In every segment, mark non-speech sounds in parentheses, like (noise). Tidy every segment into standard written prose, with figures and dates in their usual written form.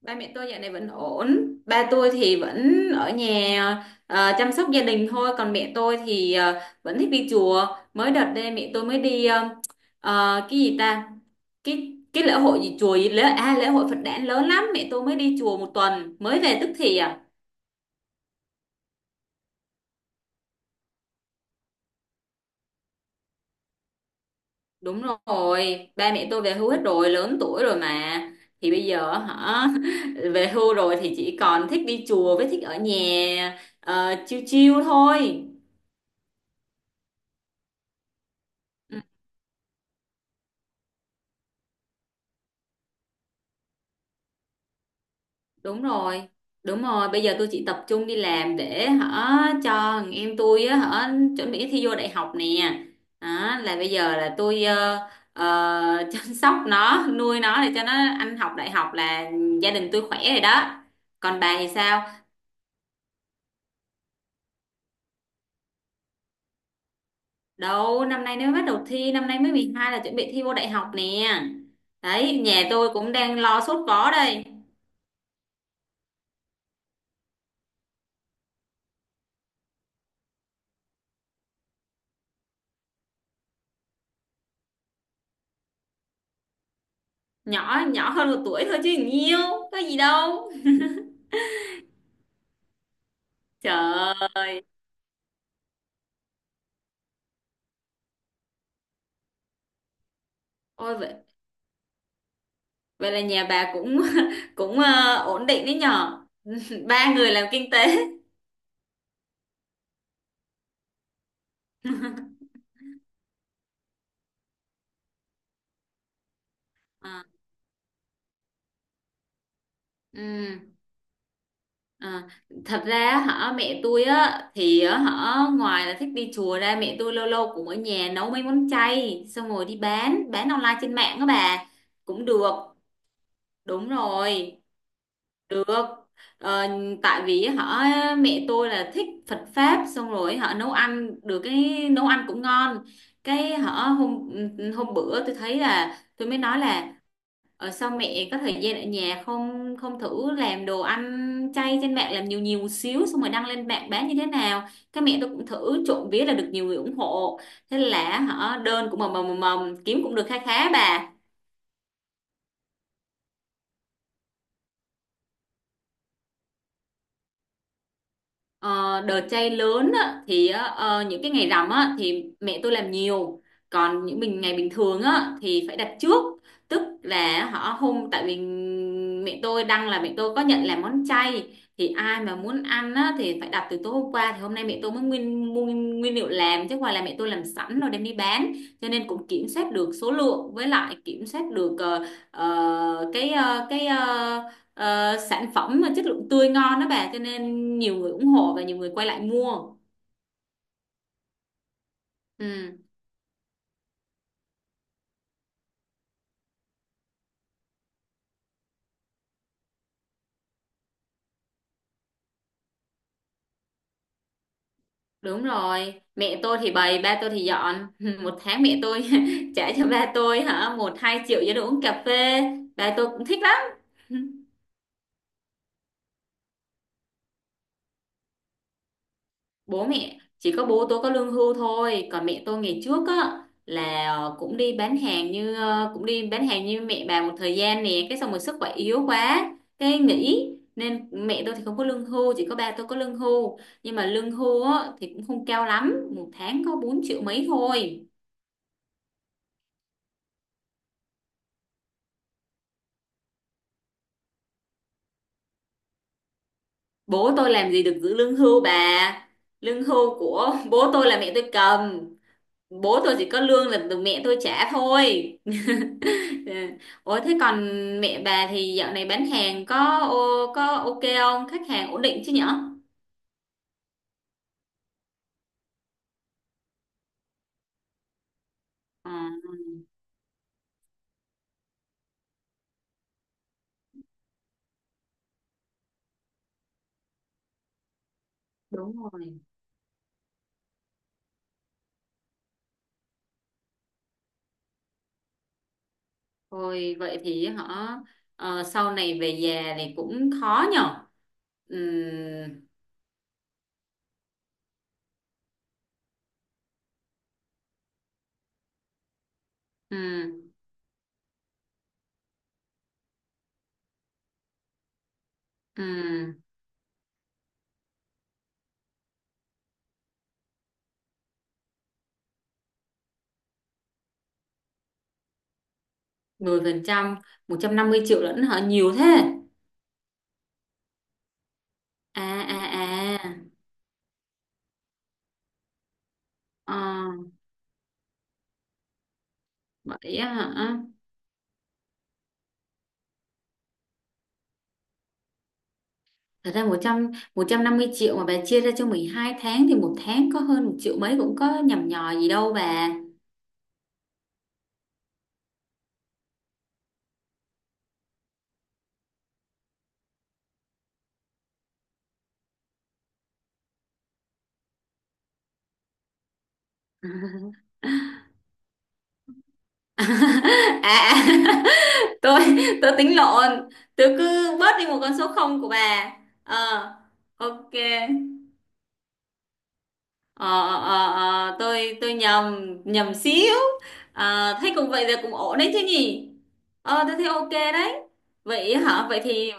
Ba mẹ tôi dạo này vẫn ổn. Ba tôi thì vẫn ở nhà, chăm sóc gia đình thôi. Còn mẹ tôi thì vẫn thích đi chùa. Mới đợt đây mẹ tôi mới đi cái gì ta, cái lễ hội gì chùa gì lễ, à lễ hội Phật đản lớn lắm. Mẹ tôi mới đi chùa một tuần mới về tức thì à. Đúng rồi, ba mẹ tôi về hưu hết rồi, lớn tuổi rồi mà. Thì bây giờ hả, (laughs) về hưu rồi thì chỉ còn thích đi chùa với thích ở nhà, chiêu chiêu thôi. Ừ. Đúng rồi, đúng rồi. Bây giờ tôi chỉ tập trung đi làm để hả, cho thằng em tôi á hả, chuẩn bị thi vô đại học nè. Đó, là bây giờ là tôi (laughs) chăm sóc nó, nuôi nó để cho nó ăn học đại học, là gia đình tôi khỏe rồi đó. Còn bà thì sao? Đâu, năm nay nó bắt đầu thi, năm nay mới 12 là chuẩn bị thi vô đại học nè. Đấy, nhà tôi cũng đang lo sốt vó đây. Nhỏ nhỏ hơn một tuổi thôi chứ nhiều, có gì đâu. Trời ơi. Ôi, vậy là nhà bà cũng (laughs) cũng ổn định đấy nhở. (laughs) Ba người làm kinh tế. Ờ, ừ, ờ. Thật ra hả, mẹ tôi á thì á, hả ngoài là thích đi chùa ra, mẹ tôi lâu lâu cũng ở nhà nấu mấy món chay, xong rồi đi bán online trên mạng á bà, cũng được. Đúng rồi. Được. Ờ, tại vì họ, mẹ tôi là thích Phật pháp, xong rồi họ nấu ăn được, cái nấu ăn cũng ngon. Cái họ hôm hôm bữa tôi thấy là tôi mới nói là sao mẹ có thời gian ở nhà không, không thử làm đồ ăn chay trên mạng, làm nhiều nhiều một xíu xong rồi đăng lên mạng bán như thế nào. Cái mẹ tôi cũng thử, trộm vía là được nhiều người ủng hộ. Thế là họ đơn cũng mầm mầm mầm mầm, kiếm cũng được kha khá bà. Ờ, đợt chay lớn á, thì á, những cái ngày rằm á, thì mẹ tôi làm nhiều, còn những mình ngày bình thường á, thì phải đặt trước. Tức là họ hôm, tại vì mẹ tôi đăng là mẹ tôi có nhận làm món chay, thì ai mà muốn ăn á, thì phải đặt từ tối hôm qua, thì hôm nay mẹ tôi mới nguyên mua nguyên liệu làm, chứ ngoài là mẹ tôi làm sẵn rồi đem đi bán, cho nên cũng kiểm soát được số lượng, với lại kiểm soát được ờ, cái ờ, cái ờ, sản phẩm mà chất lượng tươi ngon đó bà, cho nên nhiều người ủng hộ và nhiều người quay lại mua. Ừ. Đúng rồi, mẹ tôi thì bày, ba tôi thì dọn. (laughs) Một tháng mẹ tôi (laughs) trả cho ba tôi hả một hai triệu cho đồ uống cà phê, ba tôi cũng thích lắm. (laughs) Bố mẹ chỉ có bố tôi có lương hưu thôi, còn mẹ tôi ngày trước á, là cũng đi bán hàng như mẹ bà một thời gian nè, cái xong rồi sức khỏe yếu quá, cái nghỉ, nên mẹ tôi thì không có lương hưu, chỉ có ba tôi có lương hưu. Nhưng mà lương hưu á thì cũng không cao lắm, một tháng có 4 triệu mấy thôi. Bố tôi làm gì được giữ lương hưu bà, lương hưu của (laughs) bố tôi là mẹ tôi cầm. Bố tôi chỉ có lương là từ mẹ tôi trả thôi. Dạ. Ủa thế còn mẹ bà thì dạo này bán hàng có có ok không? Khách hàng ổn định chứ nhở? Ờ, đúng rồi. Thôi vậy thì họ sau này về già thì cũng khó nhở? Ừm, ừm, ừm, 10%, 150 triệu lẫn họ nhiều thế. À à à. Ờ, vậy á hả? Thật ra 100 150 triệu mà bà chia ra cho 12 tháng thì một tháng có hơn một triệu mấy, cũng có nhằm nhò gì đâu bà. (laughs) à, à, (laughs) tôi tôi tính lộn, tôi cứ bớt đi một con số không của bà. Ờ, ok. Ờ, tôi nhầm, nhầm xíu. Ờ, thấy cũng vậy là cũng ổn đấy chứ nhỉ. Ờ, tôi thấy ok đấy. Vậy hả, vậy thì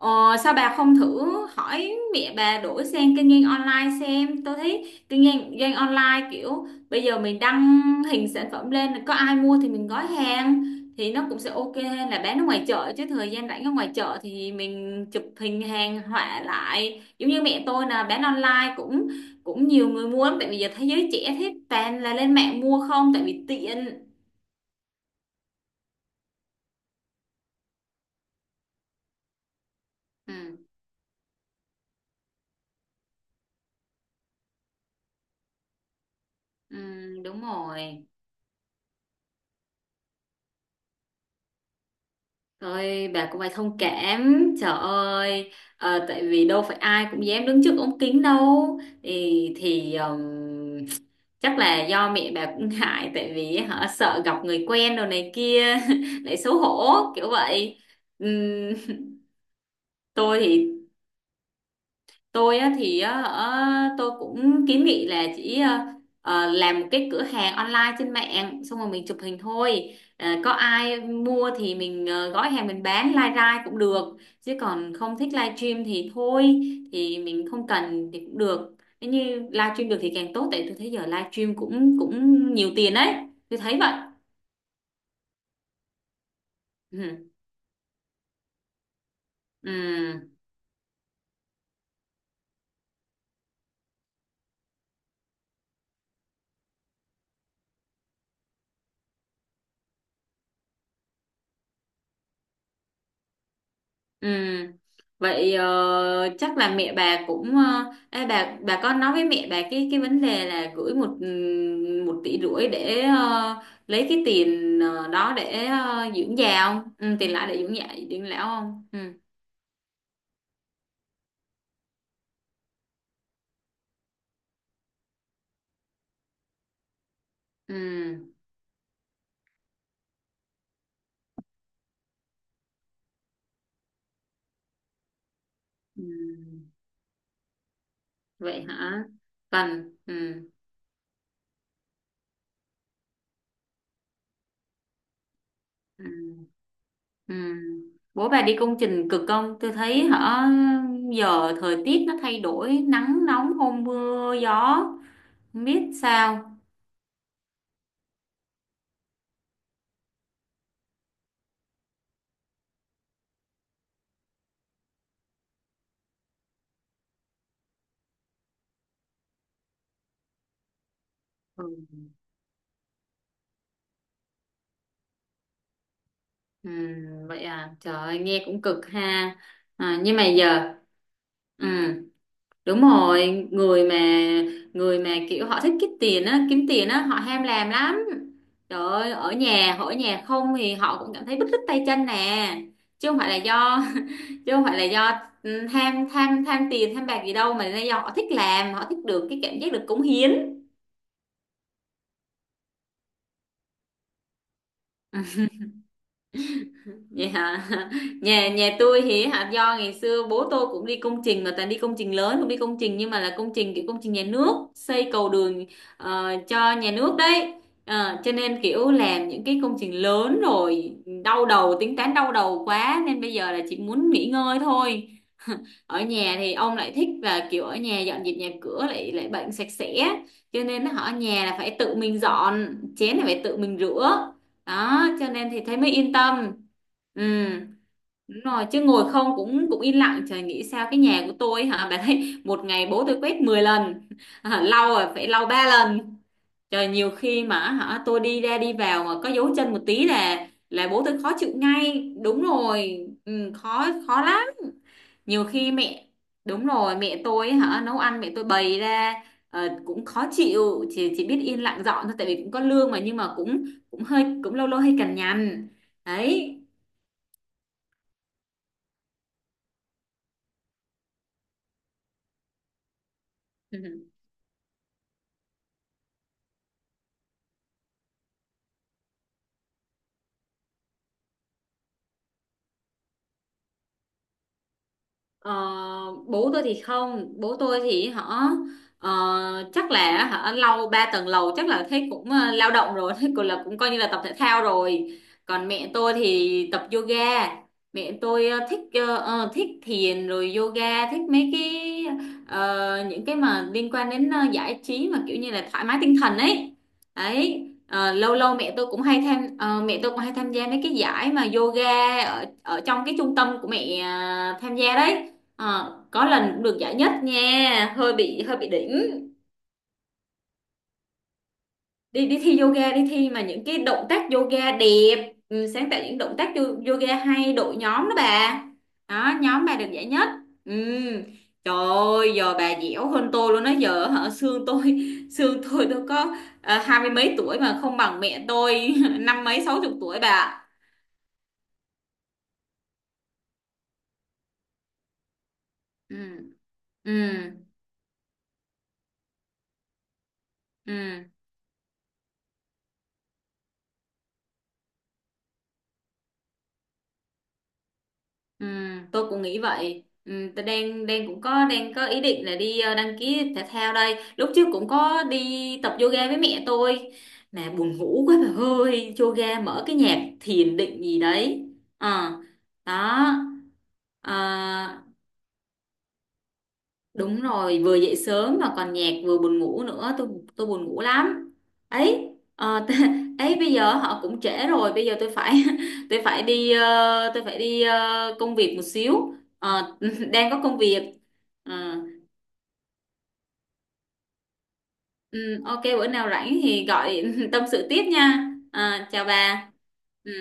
ờ, sao bà không thử hỏi mẹ bà đổi sang kinh doanh online xem. Tôi thấy doanh online kiểu bây giờ mình đăng hình sản phẩm lên, có ai mua thì mình gói hàng, thì nó cũng sẽ ok hơn là bán ở ngoài chợ. Chứ thời gian rảnh ở ngoài chợ thì mình chụp hình hàng họa lại, giống như mẹ tôi là bán online cũng cũng nhiều người mua lắm. Tại vì giờ thế giới trẻ thế toàn là lên mạng mua không, tại vì tiện. Ừ, ừ, đúng rồi. Thôi bà cũng phải thông cảm, trời ơi. Ờ, tại vì đâu phải ai cũng dám đứng trước ống kính đâu. Thì chắc là do mẹ bà cũng ngại, tại vì họ sợ gặp người quen đồ này kia (laughs) lại xấu hổ kiểu vậy. Ừm. Tôi thì tôi á, thì á, hả, tôi cũng kiến nghị là chỉ làm một cái cửa hàng online trên mạng, xong rồi mình chụp hình thôi. Ờ, có ai mua thì mình gói hàng, mình bán live ra cũng được, chứ còn không thích live stream thì thôi, thì mình không cần thì cũng được. Nếu như live stream được thì càng tốt, tại tôi thấy giờ live stream cũng cũng nhiều tiền đấy, tôi thấy vậy. Ừ. Ừ. Ừ. Vậy chắc là mẹ bà cũng bà có nói với mẹ bà cái vấn đề là gửi một một tỷ rưỡi để lấy cái tiền đó để dưỡng già không? Ừ, tiền lãi để dưỡng già dưỡng lão không? Ừ. Ừ. Ừ. Vậy hả? Cần. Ừ. Ừ. Ừ. Bố bà đi công trình cực không? Tôi thấy hả, giờ thời tiết nó thay đổi, nắng nóng hôm mưa gió, không biết sao. Ừ. Ừ, vậy à, trời ơi, nghe cũng cực ha. À, nhưng mà giờ ừ, đúng rồi, người mà, người mà kiểu họ thích kiếm tiền á, kiếm tiền á họ ham làm lắm. Trời ơi ở nhà, họ ở nhà không thì họ cũng cảm thấy bứt rứt tay chân nè. Chứ không phải là do (laughs) Chứ không phải là do ừ, tham tham tham tiền tham bạc gì đâu, mà là do họ thích làm, họ thích được cái cảm giác được cống hiến. Ừ. Vậy hả? (laughs) Nhà nhà tôi thì hả, do ngày xưa bố tôi cũng đi công trình, mà toàn đi công trình lớn, không đi công trình nhưng mà là công trình kiểu công trình nhà nước, xây cầu đường cho nhà nước đấy. Ờ, cho nên kiểu làm những cái công trình lớn rồi đau đầu, tính toán đau đầu quá, nên bây giờ là chỉ muốn nghỉ ngơi thôi. Ở nhà thì ông lại thích và kiểu ở nhà dọn dẹp nhà cửa, lại lại bệnh sạch sẽ, cho nên họ ở nhà là phải tự mình dọn, chén là phải tự mình rửa. Đó, cho nên thì thấy mới yên tâm. Ừ, đúng rồi, chứ ngồi không cũng cũng yên lặng trời nghĩ sao. Cái nhà của tôi hả bà, thấy một ngày bố tôi quét 10 lần, (laughs) lau rồi phải lau ba lần. Trời, nhiều khi mà hả, tôi đi ra đi vào mà có dấu chân một tí là bố tôi khó chịu ngay. Đúng rồi, ừ, khó khó lắm. Nhiều khi mẹ Đúng rồi, mẹ tôi ấy hả, nấu ăn mẹ tôi bày ra cũng khó chịu, chỉ biết yên lặng dọn thôi, tại vì cũng có lương mà. Nhưng mà cũng cũng hơi, cũng lâu lâu hơi cằn nhằn đấy. (laughs) Ờ, bố tôi thì không, bố tôi thì họ chắc là họ lau ba tầng lầu, chắc là thấy cũng lao động rồi, (laughs) thấy cũng là cũng coi như là tập thể thao rồi. Còn mẹ tôi thì tập yoga. Mẹ tôi thích thiền rồi yoga, thích mấy cái những cái mà liên quan đến giải trí mà kiểu như là thoải mái tinh thần ấy ấy. Ờ, lâu lâu mẹ tôi cũng hay tham gia mấy cái giải mà yoga ở ở trong cái trung tâm của mẹ tham gia đấy. Ờ, có lần cũng được giải nhất nha, hơi bị đỉnh. Đi Đi thi yoga, đi thi mà những cái động tác yoga đẹp, ừ, sáng tạo những động tác yoga hay đội nhóm đó bà. Đó, nhóm bà được giải nhất. Ừ. Trời ơi giờ bà dẻo hơn tôi luôn đó. Giờ hả xương tôi, (laughs) xương tôi có hai mươi mấy tuổi mà không bằng mẹ tôi, (laughs) năm mấy sáu chục tuổi bà. Ừ. Ừ. Ừ. Ừ, tôi cũng nghĩ vậy. Ừ, tôi đang, đang cũng có đang có ý định là đi đăng ký thể thao đây. Lúc trước cũng có đi tập yoga với mẹ tôi, mà buồn ngủ quá bà ơi. Yoga mở cái nhạc thiền định gì đấy. Ờ, đó. Ờ, đúng rồi, vừa dậy sớm mà còn nhạc vừa buồn ngủ nữa, tôi buồn ngủ lắm. Ấy, (laughs) ấy bây giờ họ cũng trễ rồi, bây giờ tôi phải (laughs) tôi phải đi công việc một xíu. Ờ, (laughs) đang có công việc. Ờ, ừ, ok, bữa nào rảnh thì gọi (laughs) tâm sự tiếp nha. Ờ, chào bà. Ừ.